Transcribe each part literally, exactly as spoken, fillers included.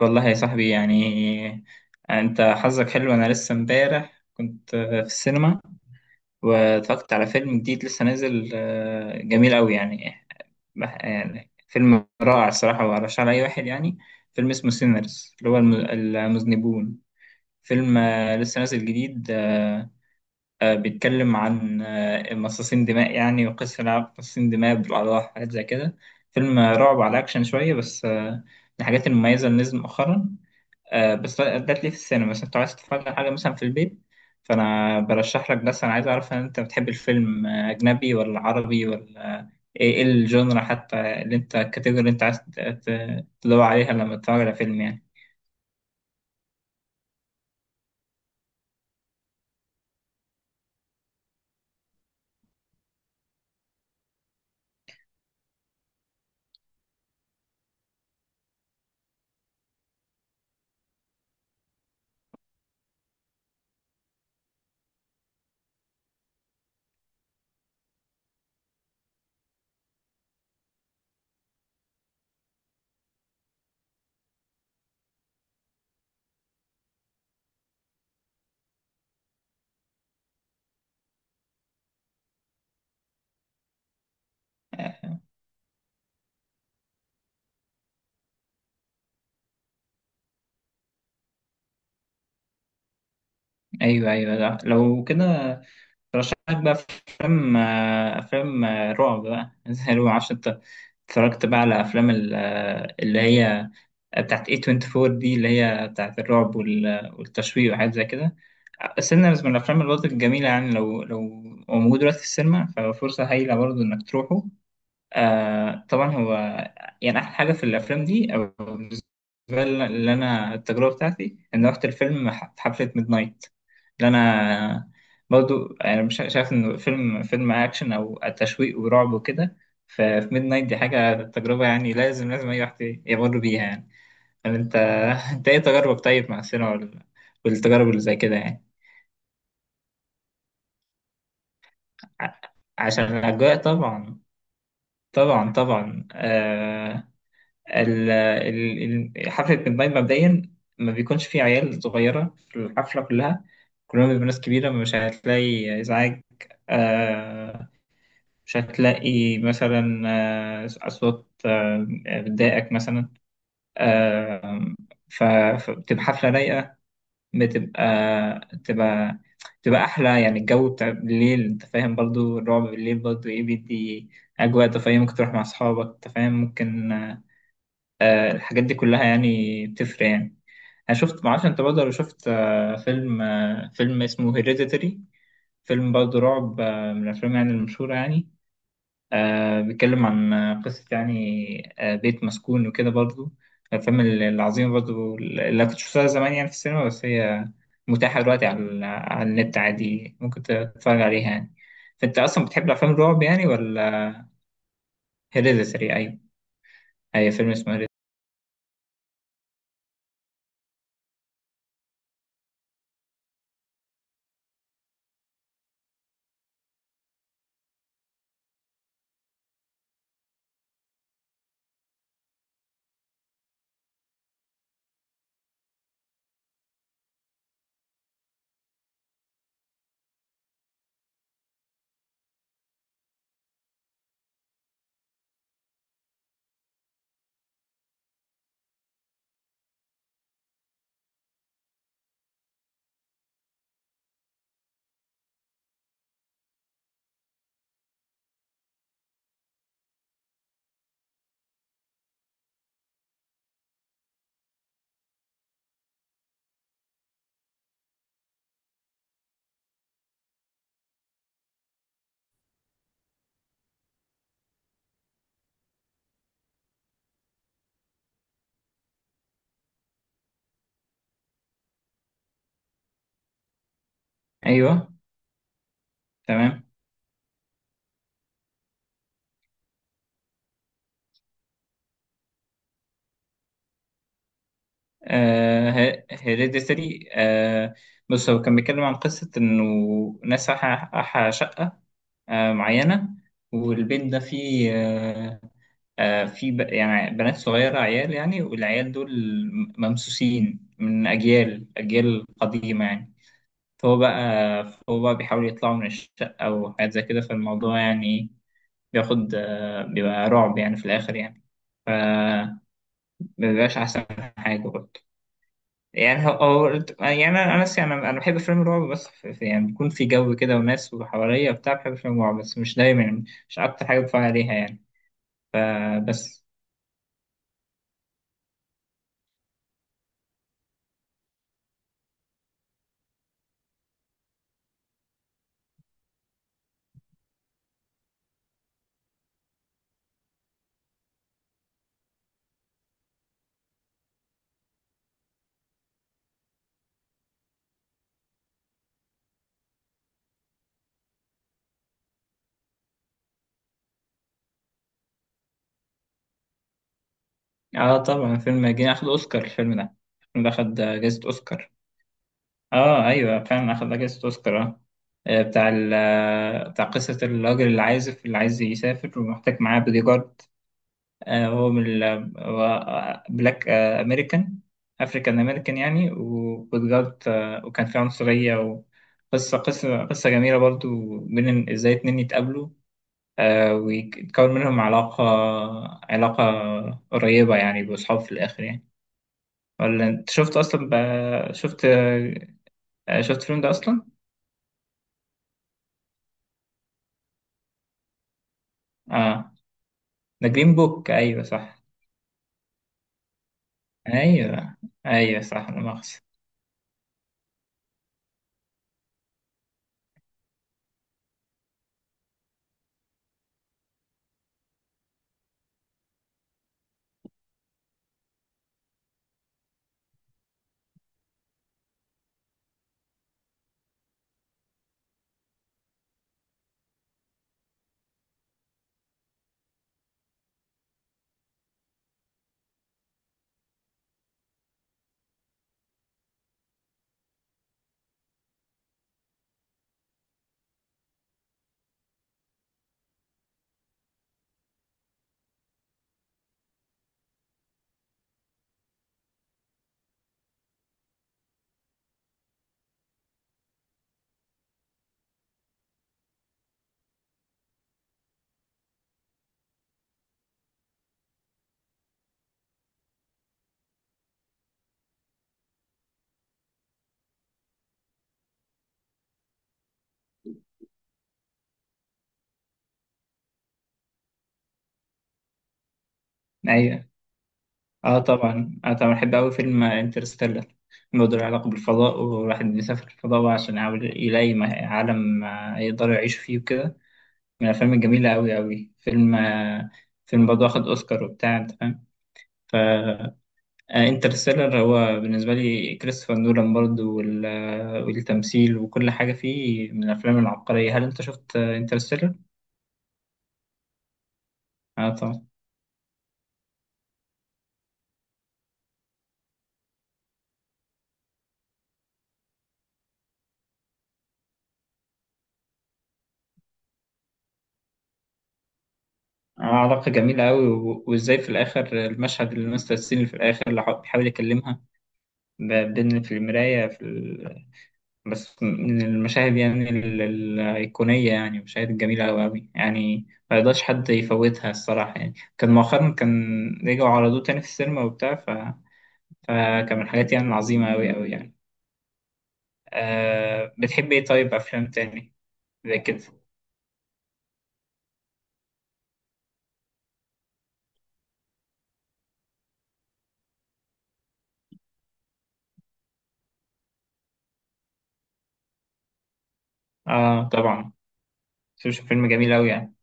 والله يا صاحبي، يعني انت حظك حلو، انا لسه امبارح كنت في السينما، واتفرجت على فيلم جديد لسه نازل. آه، جميل قوي يعني. بح- يعني فيلم رائع الصراحة، وأرشحه لأي واحد يعني. فيلم اسمه سينرز، اللي هو الم- المذنبون. فيلم آه، لسه نازل جديد. آه، آه، بيتكلم عن آه، مصاصين دماء يعني، وقصة لعب مصاصين دماء بالأعضاء، حاجات زي كده. فيلم آه، رعب على أكشن شوية، بس آه، من الحاجات المميزة اللي نزل مؤخرا. آه، بس ده ليه في السينما، مثلا انت عايز تتفرج على حاجة مثلا في البيت. فأنا برشح لك، بس أنا عايز أعرف إن أنت بتحب الفيلم آه، أجنبي ولا عربي ولا إيه إيه الجونرا حتى، اللي أنت الكاتيجوري اللي أنت عايز ت- ت- تدور عليها لما تتفرج على فيلم يعني. آه، أيوه أيوه، لا. لو كده برشح لك بقى أفلام، آه، أفلام آه، رعب بقى، زي رعب. معرفش أنت اتفرجت بقى على أفلام ال- آه، اللي هي بتاعت إيه توينتي فور دي، اللي هي بتاعت الرعب وال- والتشويق وحاجات زي كده، السينما. بس من الأفلام برضه الجميلة يعني، لو لو هو موجود دلوقتي في السينما ففرصة هايلة برضه إنك تروحه. آه طبعا، هو يعني أحلى حاجة في الأفلام دي، أو بالنسبة لي اللي أنا التجربة بتاعتي، إن رحت الفيلم ح- في حفلة ميد نايت، اللي أنا برضه يعني مش شايف إن فيلم فيلم أكشن أو تشويق ورعب وكده. ففي ميد نايت دي حاجة تجربة يعني، لازم لازم أي واحد يمر بيها يعني. فأنت أنت إيه تجاربك طيب مع السينما وال- والتجارب اللي زي كده يعني؟ ع- عشان الأجواء طبعا. طبعا طبعا آه ال- ال- ال- حفلة ميد نايت مبدئيا ما بيكونش فيه عيال صغيرة في الحفلة كلها، كلهم بيبقوا ناس كبيرة، مش هتلاقي إزعاج. آه مش هتلاقي مثلا آه أصوات آه بتضايقك مثلا. آه ف- فبتبقى حفلة رايقة، بتبقى تبقى تبقى أحلى يعني. الجو بتاع بالليل، أنت فاهم، برضو الرعب بالليل برضو إيه، بيدي أجواء. أنت فاهم، ممكن تروح مع أصحابك، أنت فاهم، ممكن آه الحاجات دي كلها يعني بتفرق يعني. أنا شفت، معرفش أنت برضو لو شفت آه فيلم، آه فيلم اسمه هيريديتري، فيلم برضو رعب آه من الأفلام يعني المشهورة يعني. آه بيتكلم عن آه، قصة يعني، آه بيت مسكون وكده، برضو الأفلام ال- العظيمة برضو اللي كنت شفتها زمان يعني في السينما، بس هي متاحة دلوقتي على, ال- على النت عادي، ممكن تتفرج عليها يعني. فأنت أصلا بتحب أفلام الرعب يعني ولا؟ هيريديتري، أيوة. أي فيلم اسمه هيريديتري. أيوه تمام. آه هيريديتري آه، بص هو كان بيتكلم عن قصة إنه ناس أحا أحا شقة آه معينة، والبيت ده فيه آه، آه، في ب... يعني بنات صغيرة عيال يعني، والعيال دول ممسوسين من أجيال أجيال قديمة يعني. فهو بقى فهو بقى بيحاول يطلعوا من الشقة وحاجات زي كده، فالموضوع يعني بياخد آه، بيبقى رعب يعني في الآخر يعني. ف مبيبقاش أحسن حاجة برضه يعني. هو هو- يعني أنا أنا يعني أنا أنا بحب فيلم الرعب، بس في... في- يعني بيكون في جو كده وناس وحواليا وبتاع، بحب فيلم الرعب بس مش دايما، مش أكتر حاجة بتفرج عليها يعني، آه، بس. اه طبعا، فيلم جه اخد اوسكار الفيلم ده الفيلم ده اخد جائزة اوسكار. اه ايوه فعلا اخد جائزة اوسكار، اه. آه، بتاع ال آه، بتاع قصة الراجل العازف اللي عايز يسافر ومحتاج معاه بودي جارد. آه، هو من ال- هو بلاك أمريكان، أفريكان أمريكان يعني، وبودي جارد آه، وكان في عنصرية. وقصة قصة قصة جميلة برضو، بين إن- إزاي اتنين يتقابلوا آه، ويتكون منهم علاقة علاقة قريبة يعني بأصحاب في الآخر يعني. ولا انت شفت اصلا ب... شفت، آه، شفت الفيلم ده اصلا؟ اه، ده جرين بوك، ايوه صح. ايوه. ايوه صح، لا مؤاخذة. ايوه. اه طبعا، اه طبعا بحب قوي فيلم انترستيلر. الموضوع له علاقة بالفضاء، والواحد بيسافر الفضاء بقى عشان يحاول يلاقي م- عالم آه، يقدروا يعيشوا فيه وكده. من الافلام الجميلة قوي قوي، فيلم آه، فيلم برضه واخد اوسكار وبتاع، انت فاهم. انترستيلر هو بالنسبة لي كريستوفر نولان برضو وال- آه، والتمثيل وكل حاجة فيه، من الأفلام العبقرية. هل أنت شفت انترستيلر؟ آه طبعا. علاقة جميلة أوي، و- وإزاي في الآخر المشهد اللي مستر سين في الآخر اللي حاول- بيحاول يكلمها، ب- بين في المراية في ال... بس من المشاهد يعني ال- ال- الأيقونية يعني، مشاهد جميلة أوي أوي يعني، ما يقدرش حد يفوتها الصراحة يعني. كان مؤخرا كان رجعوا عرضوه تاني في السينما وبتاع. ف... فكان من الحاجات يعني العظيمة أوي أوي يعني. آه بتحب ايه طيب، افلام تاني زي كده؟ اه طبعا. شوف شوف فيلم جميل اوي يعني.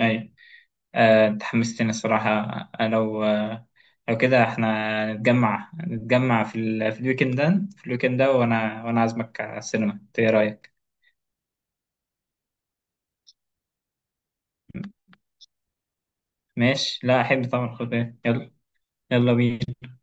ايوه. آه انت حمستني الصراحة. آه، لو آه لو كده احنا نتجمع نتجمع في ال... في الويكند ده في الويكند ده، وانا وانا عازمك على السينما، إنت ايه رأيك؟ ماشي، لا احب طبعا. خد بالك. يلا يلا بينا.